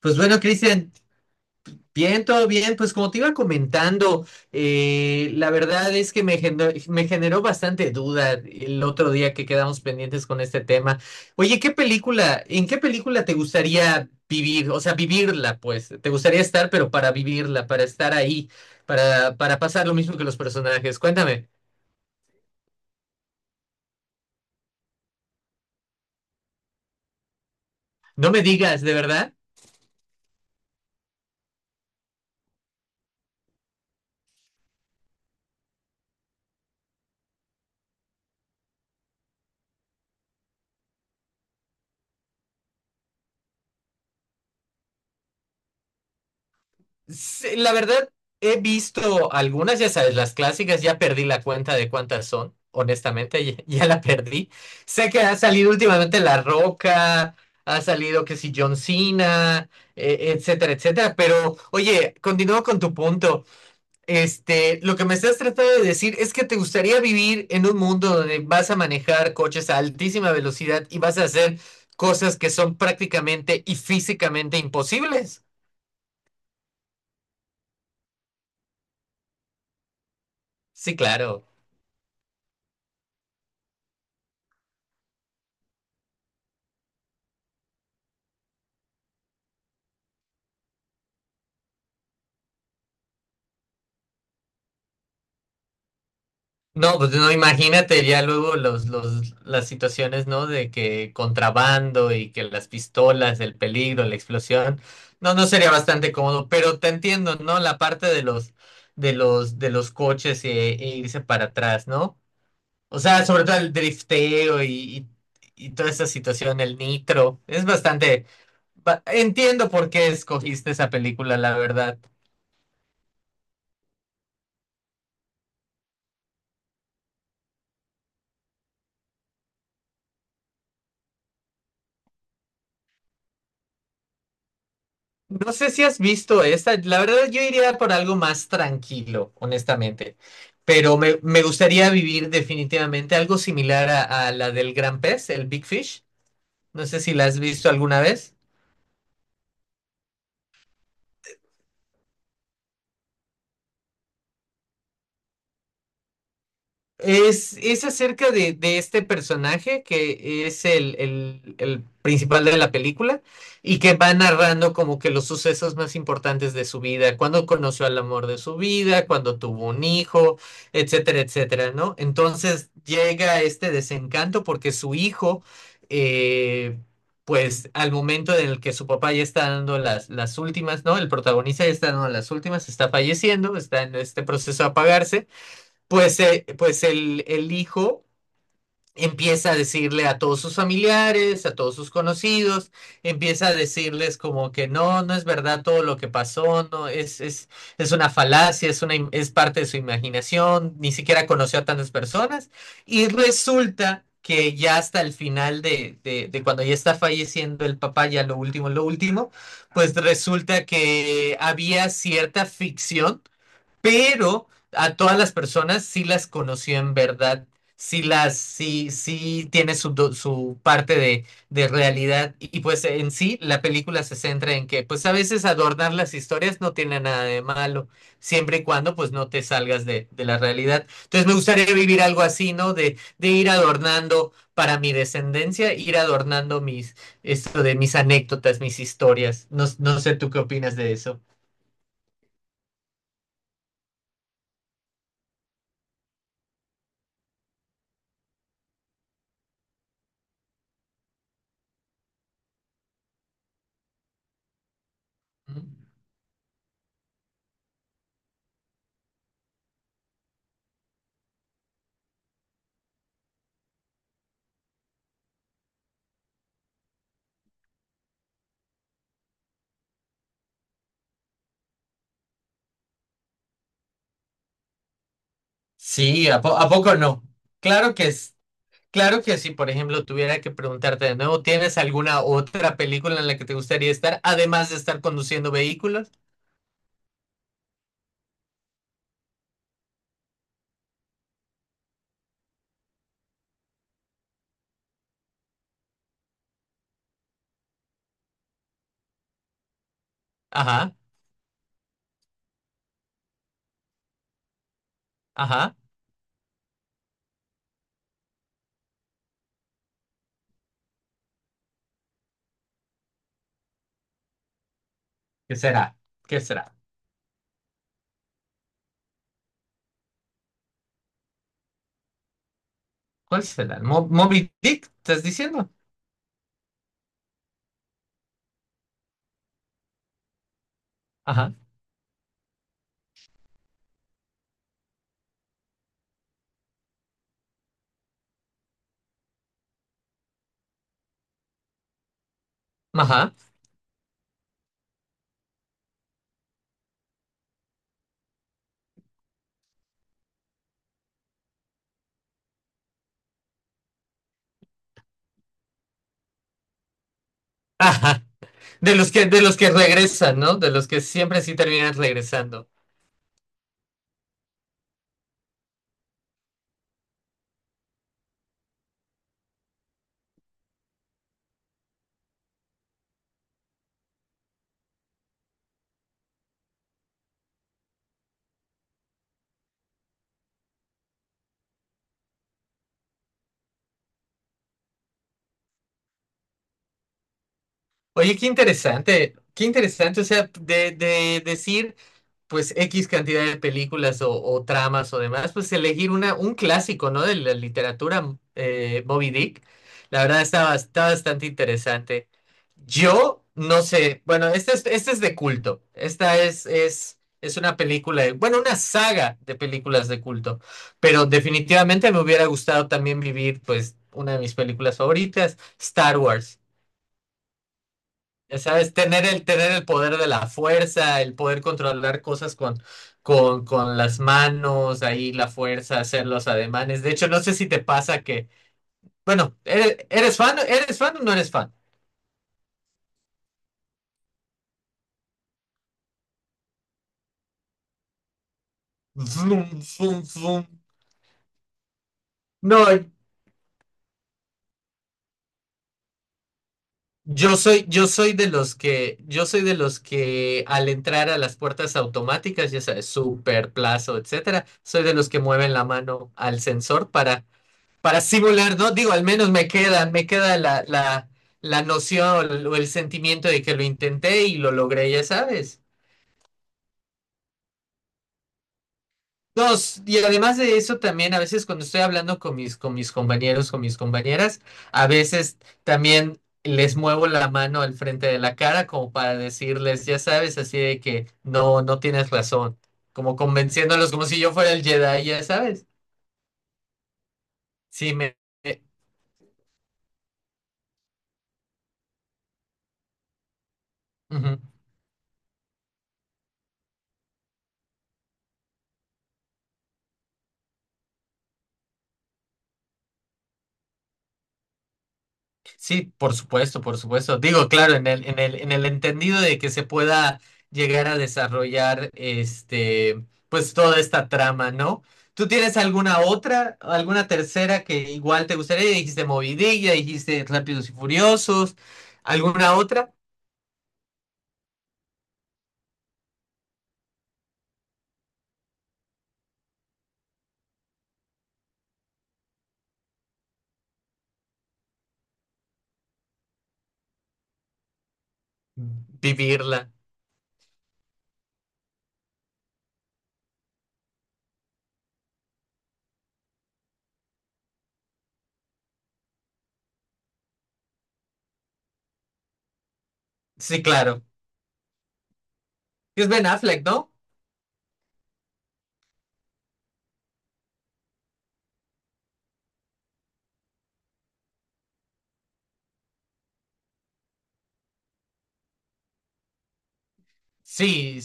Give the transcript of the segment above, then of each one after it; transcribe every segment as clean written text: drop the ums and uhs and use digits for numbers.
Pues bueno, Cristian, bien, todo bien. Pues como te iba comentando, la verdad es que me generó bastante duda el otro día que quedamos pendientes con este tema. Oye, ¿qué película, en qué película te gustaría vivir? O sea, vivirla, pues. Te gustaría estar, pero para vivirla, para estar ahí, para pasar lo mismo que los personajes. Cuéntame, no me digas, ¿de verdad? Sí, la verdad, he visto algunas, ya sabes, las clásicas, ya perdí la cuenta de cuántas son, honestamente, ya, ya la perdí. Sé que ha salido últimamente La Roca, ha salido que si John Cena, etcétera, etcétera, pero oye, continúo con tu punto. Este, lo que me estás tratando de decir es que te gustaría vivir en un mundo donde vas a manejar coches a altísima velocidad y vas a hacer cosas que son prácticamente y físicamente imposibles. Sí, claro. No, pues no, imagínate ya luego las situaciones, ¿no? De que contrabando y que las pistolas, el peligro, la explosión. No, no sería bastante cómodo, pero te entiendo, ¿no? La parte de de los coches e irse para atrás, ¿no? O sea, sobre todo el drifteo y toda esa situación, el nitro. Es bastante. Entiendo por qué escogiste esa película, la verdad. No sé si has visto esta, la verdad yo iría por algo más tranquilo, honestamente, pero me gustaría vivir definitivamente algo similar a la del gran pez, el Big Fish. No sé si la has visto alguna vez. Es acerca de este personaje que es el principal de la película y que va narrando como que los sucesos más importantes de su vida, cuando conoció al amor de su vida, cuando tuvo un hijo, etcétera, etcétera, ¿no? Entonces llega este desencanto porque su hijo, eh, pues al momento en el que su papá ya está dando las últimas, ¿no? El protagonista ya está dando las últimas, está falleciendo, está en este proceso de apagarse. Pues, pues el hijo empieza a decirle a todos sus familiares, a todos sus conocidos, empieza a decirles como que no, no es verdad todo lo que pasó, no, es una falacia, es una, es parte de su imaginación, ni siquiera conoció a tantas personas, y resulta que ya hasta el final de cuando ya está falleciendo el papá, ya lo último, pues resulta que había cierta ficción pero a todas las personas sí las conoció en verdad, sí las, sí, sí tiene su, su parte de realidad pues en sí la película se centra en que pues a veces adornar las historias no tiene nada de malo, siempre y cuando pues no te salgas de la realidad. Entonces me gustaría vivir algo así, ¿no? De ir adornando para mi descendencia, ir adornando mis, esto de mis anécdotas, mis historias. No, no sé tú qué opinas de eso. Sí, ¿a, a poco no? Claro que es, claro que sí. Por ejemplo, tuviera que preguntarte de nuevo, ¿tienes alguna otra película en la que te gustaría estar, además de estar conduciendo vehículos? Ajá, ajá. ¿Qué será? ¿Qué será? ¿Cuál será? ¿Moby Dick? ¿Estás diciendo? Ajá, ajá, ajá. De los que regresan, ¿no? De los que siempre sí terminan regresando. Oye, qué interesante, qué interesante. O sea, de decir. Pues X cantidad de películas o tramas o demás, pues elegir una, un clásico, ¿no? De la literatura, Moby Dick. La verdad está, está bastante interesante. Yo no sé, bueno, esta es de culto. Es una película, bueno, una saga de películas de culto, pero definitivamente me hubiera gustado también vivir, pues, una de mis películas favoritas, Star Wars. Ya sabes, tener el poder de la fuerza, el poder controlar cosas con las manos, ahí la fuerza, hacer los ademanes. De hecho, no sé si te pasa que, bueno, eres fan? ¿Eres fan o no eres fan? Vroom, vroom, vroom. No, yo soy de los que al entrar a las puertas automáticas, ya sabes, Super, Plazo, etcétera, soy de los que mueven la mano al sensor para simular, ¿no? Digo, al menos me queda la noción o el sentimiento de que lo intenté y lo logré, ya sabes. Dos, y además de eso también a veces cuando estoy hablando con mis compañeros, con mis compañeras, a veces también les muevo la mano al frente de la cara como para decirles, ya sabes, así de que no, no tienes razón, como convenciéndolos como si yo fuera el Jedi, ya sabes. Sí, me... eh, ujú. Sí, por supuesto, por supuesto. Digo, claro, en el entendido de que se pueda llegar a desarrollar este, pues toda esta trama, ¿no? ¿Tú tienes alguna otra, alguna tercera que igual te gustaría? Ya dijiste Moby Dick, ya dijiste Rápidos y Furiosos, ¿alguna otra? Vivirla. Sí, claro. Es Ben Affleck, ¿no? Sí.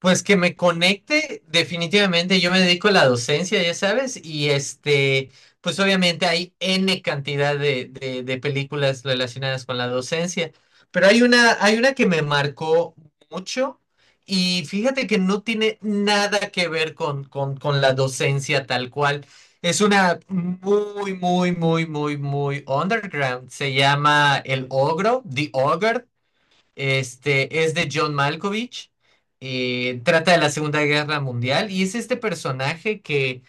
Pues que me conecte, definitivamente yo me dedico a la docencia, ya sabes, y este, pues obviamente hay N cantidad de películas relacionadas con la docencia, pero hay una que me marcó mucho y fíjate que no tiene nada que ver con la docencia tal cual. Es una muy, muy, muy, muy, muy underground. Se llama El Ogro, The Ogre, este es de John Malkovich. Trata de la Segunda Guerra Mundial y es este personaje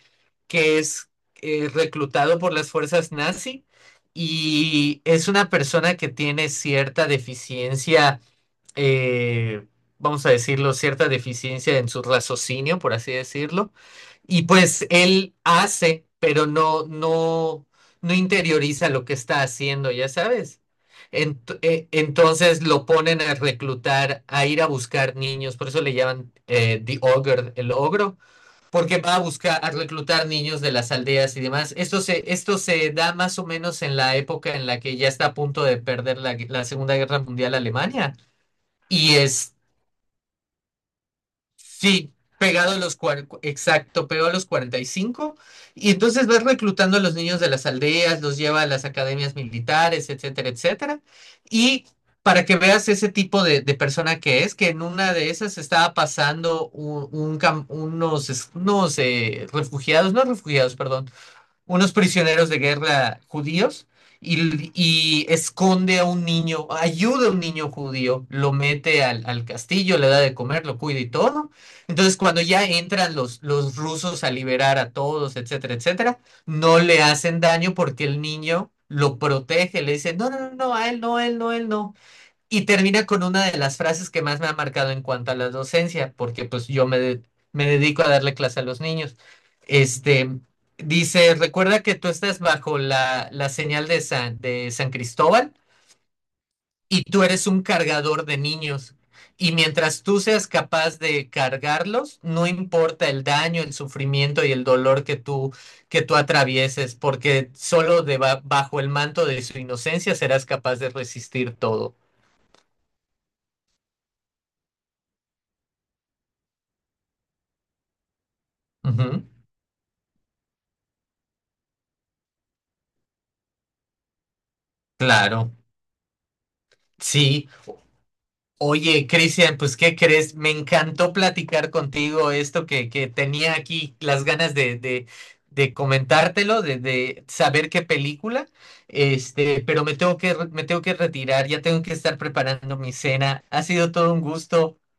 que es reclutado por las fuerzas nazi y es una persona que tiene cierta deficiencia, eh, vamos a decirlo, cierta deficiencia en su raciocinio, por así decirlo. Y pues él hace, pero no, no interioriza lo que está haciendo, ya sabes. Entonces lo ponen a reclutar, a ir a buscar niños, por eso le llaman The Ogre, el ogro, porque va a buscar, a reclutar niños de las aldeas y demás. Esto se da más o menos en la época en la que ya está a punto de perder la, la Segunda Guerra Mundial Alemania. Y es sí, pegado a los exacto, pegado a los 45. Y cinco. Y entonces vas reclutando a los niños de las aldeas, los lleva a las academias militares, etcétera, etcétera. Y para que veas ese tipo de persona que es, que en una de esas estaba pasando un, unos, unos refugiados, no refugiados, perdón, unos prisioneros de guerra judíos y esconde a un niño, ayuda a un niño judío, lo mete al, al castillo, le da de comer, lo cuida y todo. Entonces, cuando ya entran los rusos a liberar a todos, etcétera, etcétera, no le hacen daño porque el niño lo protege, le dice, no, no, no, no, a él no, a él no, a él no. Y termina con una de las frases que más me ha marcado en cuanto a la docencia, porque pues yo me, me dedico a darle clase a los niños. Este, dice, recuerda que tú estás bajo la, la señal de San Cristóbal y tú eres un cargador de niños. Y mientras tú seas capaz de cargarlos, no importa el daño, el sufrimiento y el dolor que tú atravieses, porque solo bajo el manto de su inocencia serás capaz de resistir todo. Ujú, claro. Sí, oye, Cristian, pues ¿qué crees? Me encantó platicar contigo esto que tenía aquí las ganas de comentártelo, de saber qué película, este, pero me tengo que, me tengo que retirar, ya tengo que estar preparando mi cena. Ha sido todo un gusto